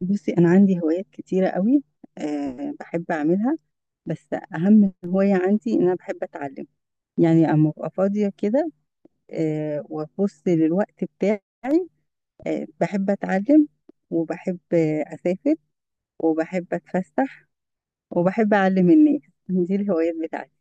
بصي أنا عندي هوايات كتيرة قوي. بحب أعملها. بس أهم هواية عندي إن أنا بحب أتعلم، يعني أما أبقى فاضية كده. وأبص للوقت بتاعي. بحب أتعلم. وبحب أسافر، وبحب أتفسح، وبحب أعلم الناس. دي الهوايات بتاعتي.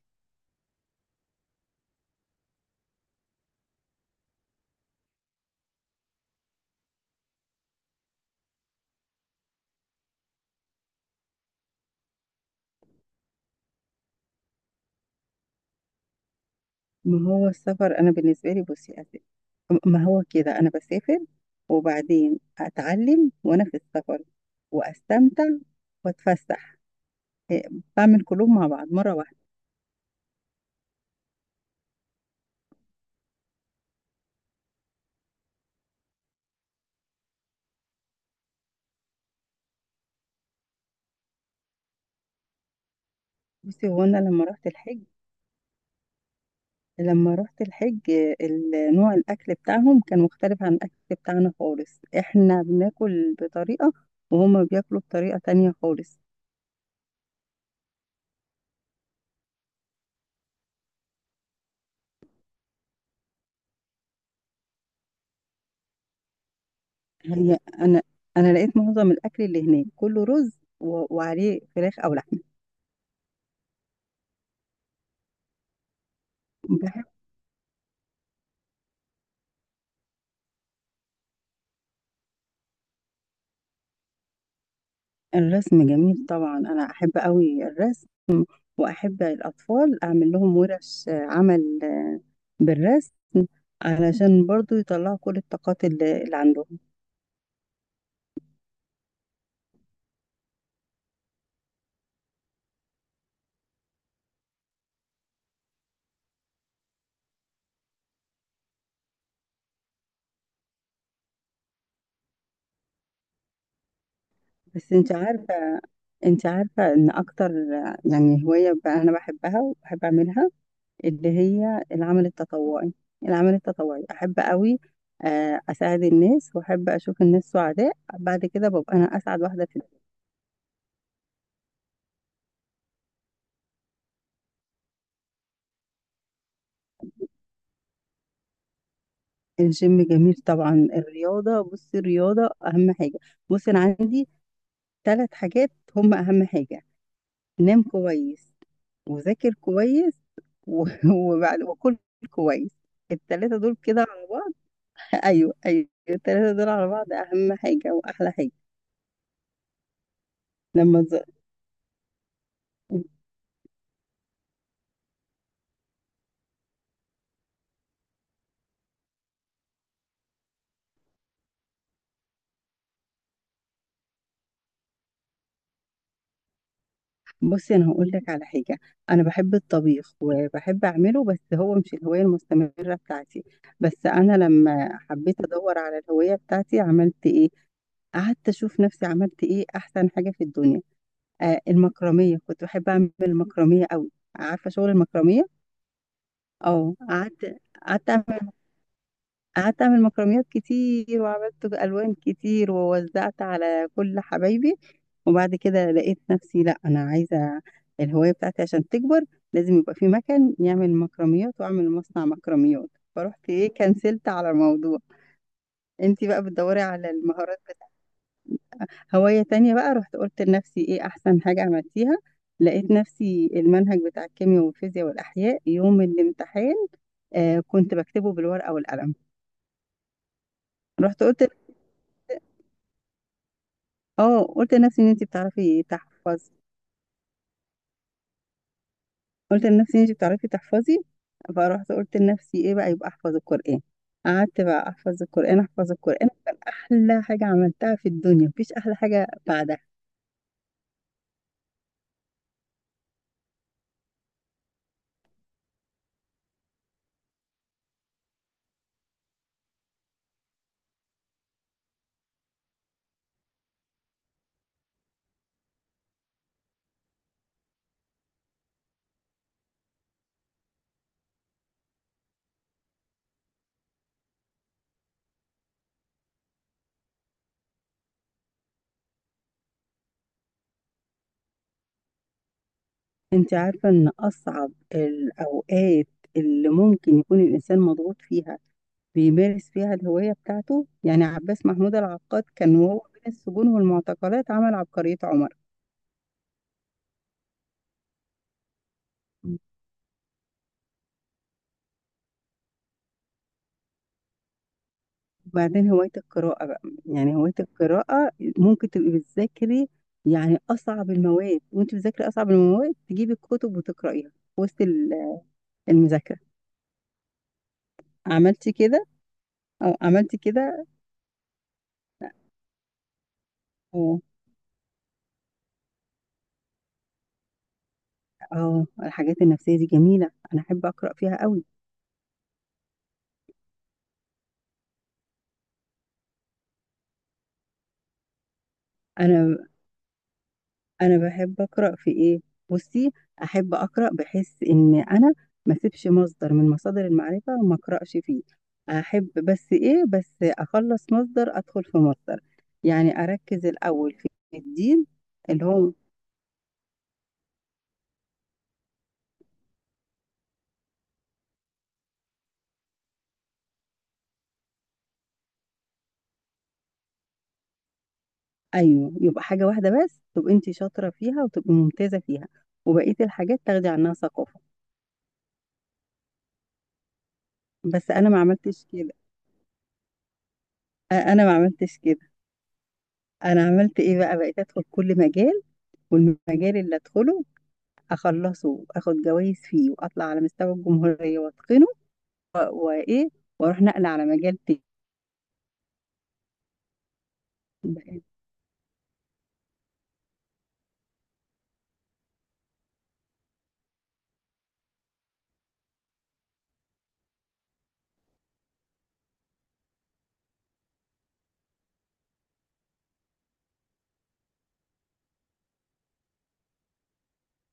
ما هو السفر، أنا بالنسبة لي بصي أسافر. ما هو كده أنا بسافر وبعدين أتعلم وأنا في السفر وأستمتع وأتفسح. إيه، بعمل كلهم مع بعض مرة واحدة. بصي هو أنا لما رحت الحج، نوع الأكل بتاعهم كان مختلف عن الأكل بتاعنا خالص. إحنا بناكل بطريقة، وهما بياكلوا بطريقة تانية خالص. هي أنا لقيت معظم الأكل اللي هناك كله رز وعليه فراخ أو لحمة. بحب. الرسم جميل طبعا، أنا أحب أوي الرسم. وأحب الأطفال أعمل لهم ورش عمل بالرسم، علشان برضو يطلعوا كل الطاقات اللي عندهم. بس انت عارفة ان اكتر يعني هواية بقى انا بحبها وبحب اعملها، اللي هي العمل التطوعي. العمل التطوعي احب قوي، اساعد الناس واحب اشوف الناس سعداء بعد كده ببقى انا اسعد واحدة في الدنيا. الجيم جميل طبعا، الرياضة، بصي الرياضة اهم حاجة. بصي انا عندي ثلاث حاجات هم اهم حاجة: نام كويس، وذاكر كويس، و- وكل كويس. الثلاثة دول كده. ايوه ايوه، التلاتة دول على بعض اهم حاجة واحلى حاجة. لما ز... بصي انا هقول لك على حاجة، انا بحب الطبيخ وبحب اعمله، بس هو مش الهواية المستمرة بتاعتي. بس انا لما حبيت ادور على الهواية بتاعتي عملت ايه، قعدت اشوف نفسي عملت ايه احسن حاجة في الدنيا. المكرمية، كنت بحب اعمل المكرمية قوي، عارفة شغل المكرمية. اه قعدت قعدت اعمل قعدت اعمل مكرميات كتير، وعملت الوان كتير ووزعت على كل حبايبي. وبعد كده لقيت نفسي، لا انا عايزه الهوايه بتاعتي عشان تكبر لازم يبقى في مكان يعمل مكرميات، واعمل مصنع مكرميات. فرحت ايه، كنسلت على الموضوع. انتي بقى بتدوري على المهارات بتاعتك. هوايه تانية بقى، رحت قلت لنفسي ايه احسن حاجه عملتيها. لقيت نفسي المنهج بتاع الكيمياء والفيزياء والاحياء يوم الامتحان كنت بكتبه بالورقه والقلم. رحت قلت اه قلت لنفسي ان انت بتعرفي تحفظي. قلت لنفسي ان انت بتعرفي تحفظي فرحت قلت لنفسي ايه بقى، يبقى احفظ القرآن. قعدت بقى احفظ القرآن، احفظ القرآن كان احلى حاجة عملتها في الدنيا، مفيش احلى حاجة بعدها. انت عارفة ان اصعب الاوقات اللي ممكن يكون الانسان مضغوط فيها، بيمارس فيها الهواية بتاعته، يعني عباس محمود العقاد كان وهو بين السجون والمعتقلات عمل عبقرية عمر. وبعدين هواية القراءة بقى، يعني هواية القراءة ممكن تبقي بتذاكري يعني أصعب المواد، وأنت بتذاكري أصعب المواد تجيبي الكتب وتقرأيها في وسط المذاكرة. عملتي كده، أو عملتي كده. اه اه، الحاجات النفسية دي جميلة، أنا أحب أقرأ فيها قوي. أنا انا بحب اقرا في ايه؟ بصي احب اقرا، بحس ان انا ما اسيبش مصدر من مصادر المعرفه وما اقراش فيه. احب بس ايه، بس اخلص مصدر ادخل في مصدر. يعني اركز الاول في الدين اللي هو. ايوه، يبقى حاجه واحده بس تبقى انت شاطره فيها وتبقى ممتازه فيها، وبقيه الحاجات تاخدي عنها ثقافه. بس انا ما عملتش كده، انا ما عملتش كده. انا عملت ايه بقى، بقيت ادخل كل مجال، والمجال اللي ادخله اخلصه واخد جوائز فيه واطلع على مستوى الجمهورية واتقنه، وايه، واروح نقل على مجال تاني.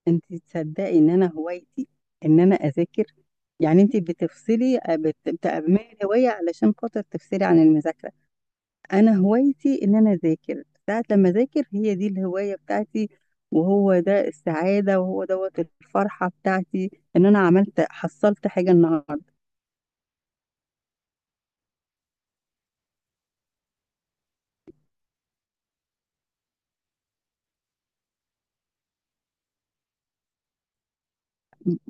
انت تصدقي ان انا هوايتي ان انا اذاكر؟ يعني انت بتعملي هواية علشان خاطر تفصلي عن المذاكرة. انا هوايتي ان انا اذاكر، ساعة لما اذاكر هي دي الهواية بتاعتي. وهو ده السعادة، وهو دوت الفرحة بتاعتي، ان انا حصلت حاجة النهاردة.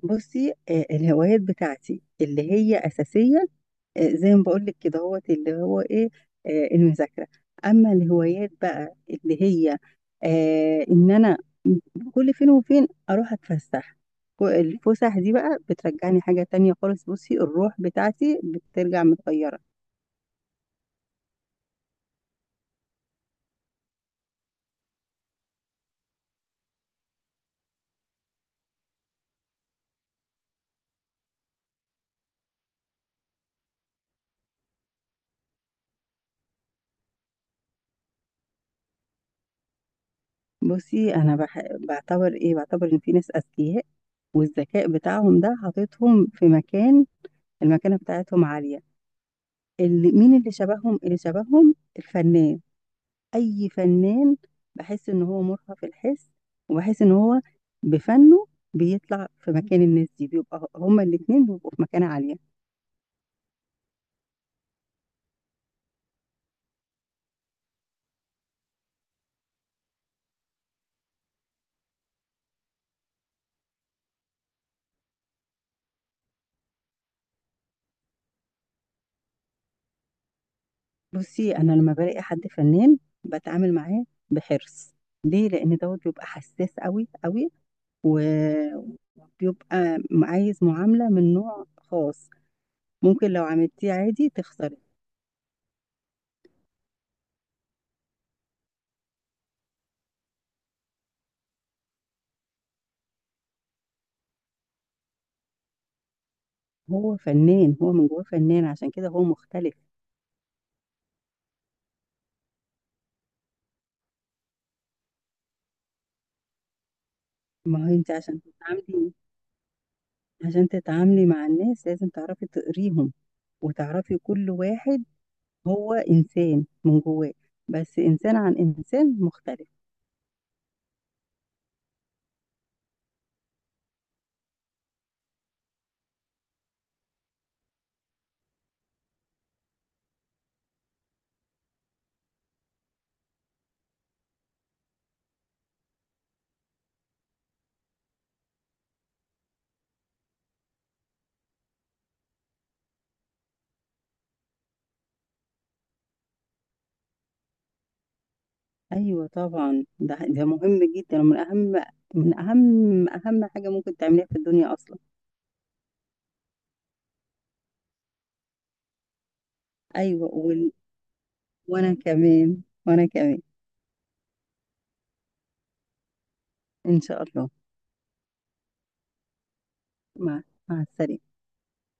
بصي الهوايات بتاعتي اللي هي اساسية، زي ما بقول لك كده هو اللي هو ايه، المذاكره. اما الهوايات بقى اللي هي ان انا كل فين وفين اروح اتفسح. الفسح دي بقى بترجعني حاجه تانية خالص. بصي الروح بتاعتي بترجع متغيره. بصي انا بح... بعتبر ان في ناس اذكياء، والذكاء بتاعهم ده حاططهم في مكان، المكانه بتاعتهم عاليه. اللي مين اللي شبههم الفنان، اي فنان. بحس ان هو مرهف الحس، وبحس ان هو بفنه بيطلع في مكان الناس دي، بيبقى هما الاتنين بيبقوا في مكانة عالية. بصي انا لما بلاقي حد فنان بتعامل معاه بحرص، ليه؟ لان دوت بيبقى حساس قوي قوي، و- وبيبقى عايز معاملة من نوع خاص. ممكن لو عملتيه عادي تخسري. هو فنان، هو من جواه فنان، عشان كده هو مختلف. ما هو انت عشان تتعاملي مع الناس لازم تعرفي تقريهم، وتعرفي كل واحد هو إنسان من جواه، بس إنسان عن إنسان مختلف. أيوة طبعا، ده مهم جدا، ومن أهم، من أهم أهم حاجة ممكن تعمليها في الدنيا أصلا. أيوة وال... وأنا كمان وأنا كمان إن شاء الله. مع مع السلامة.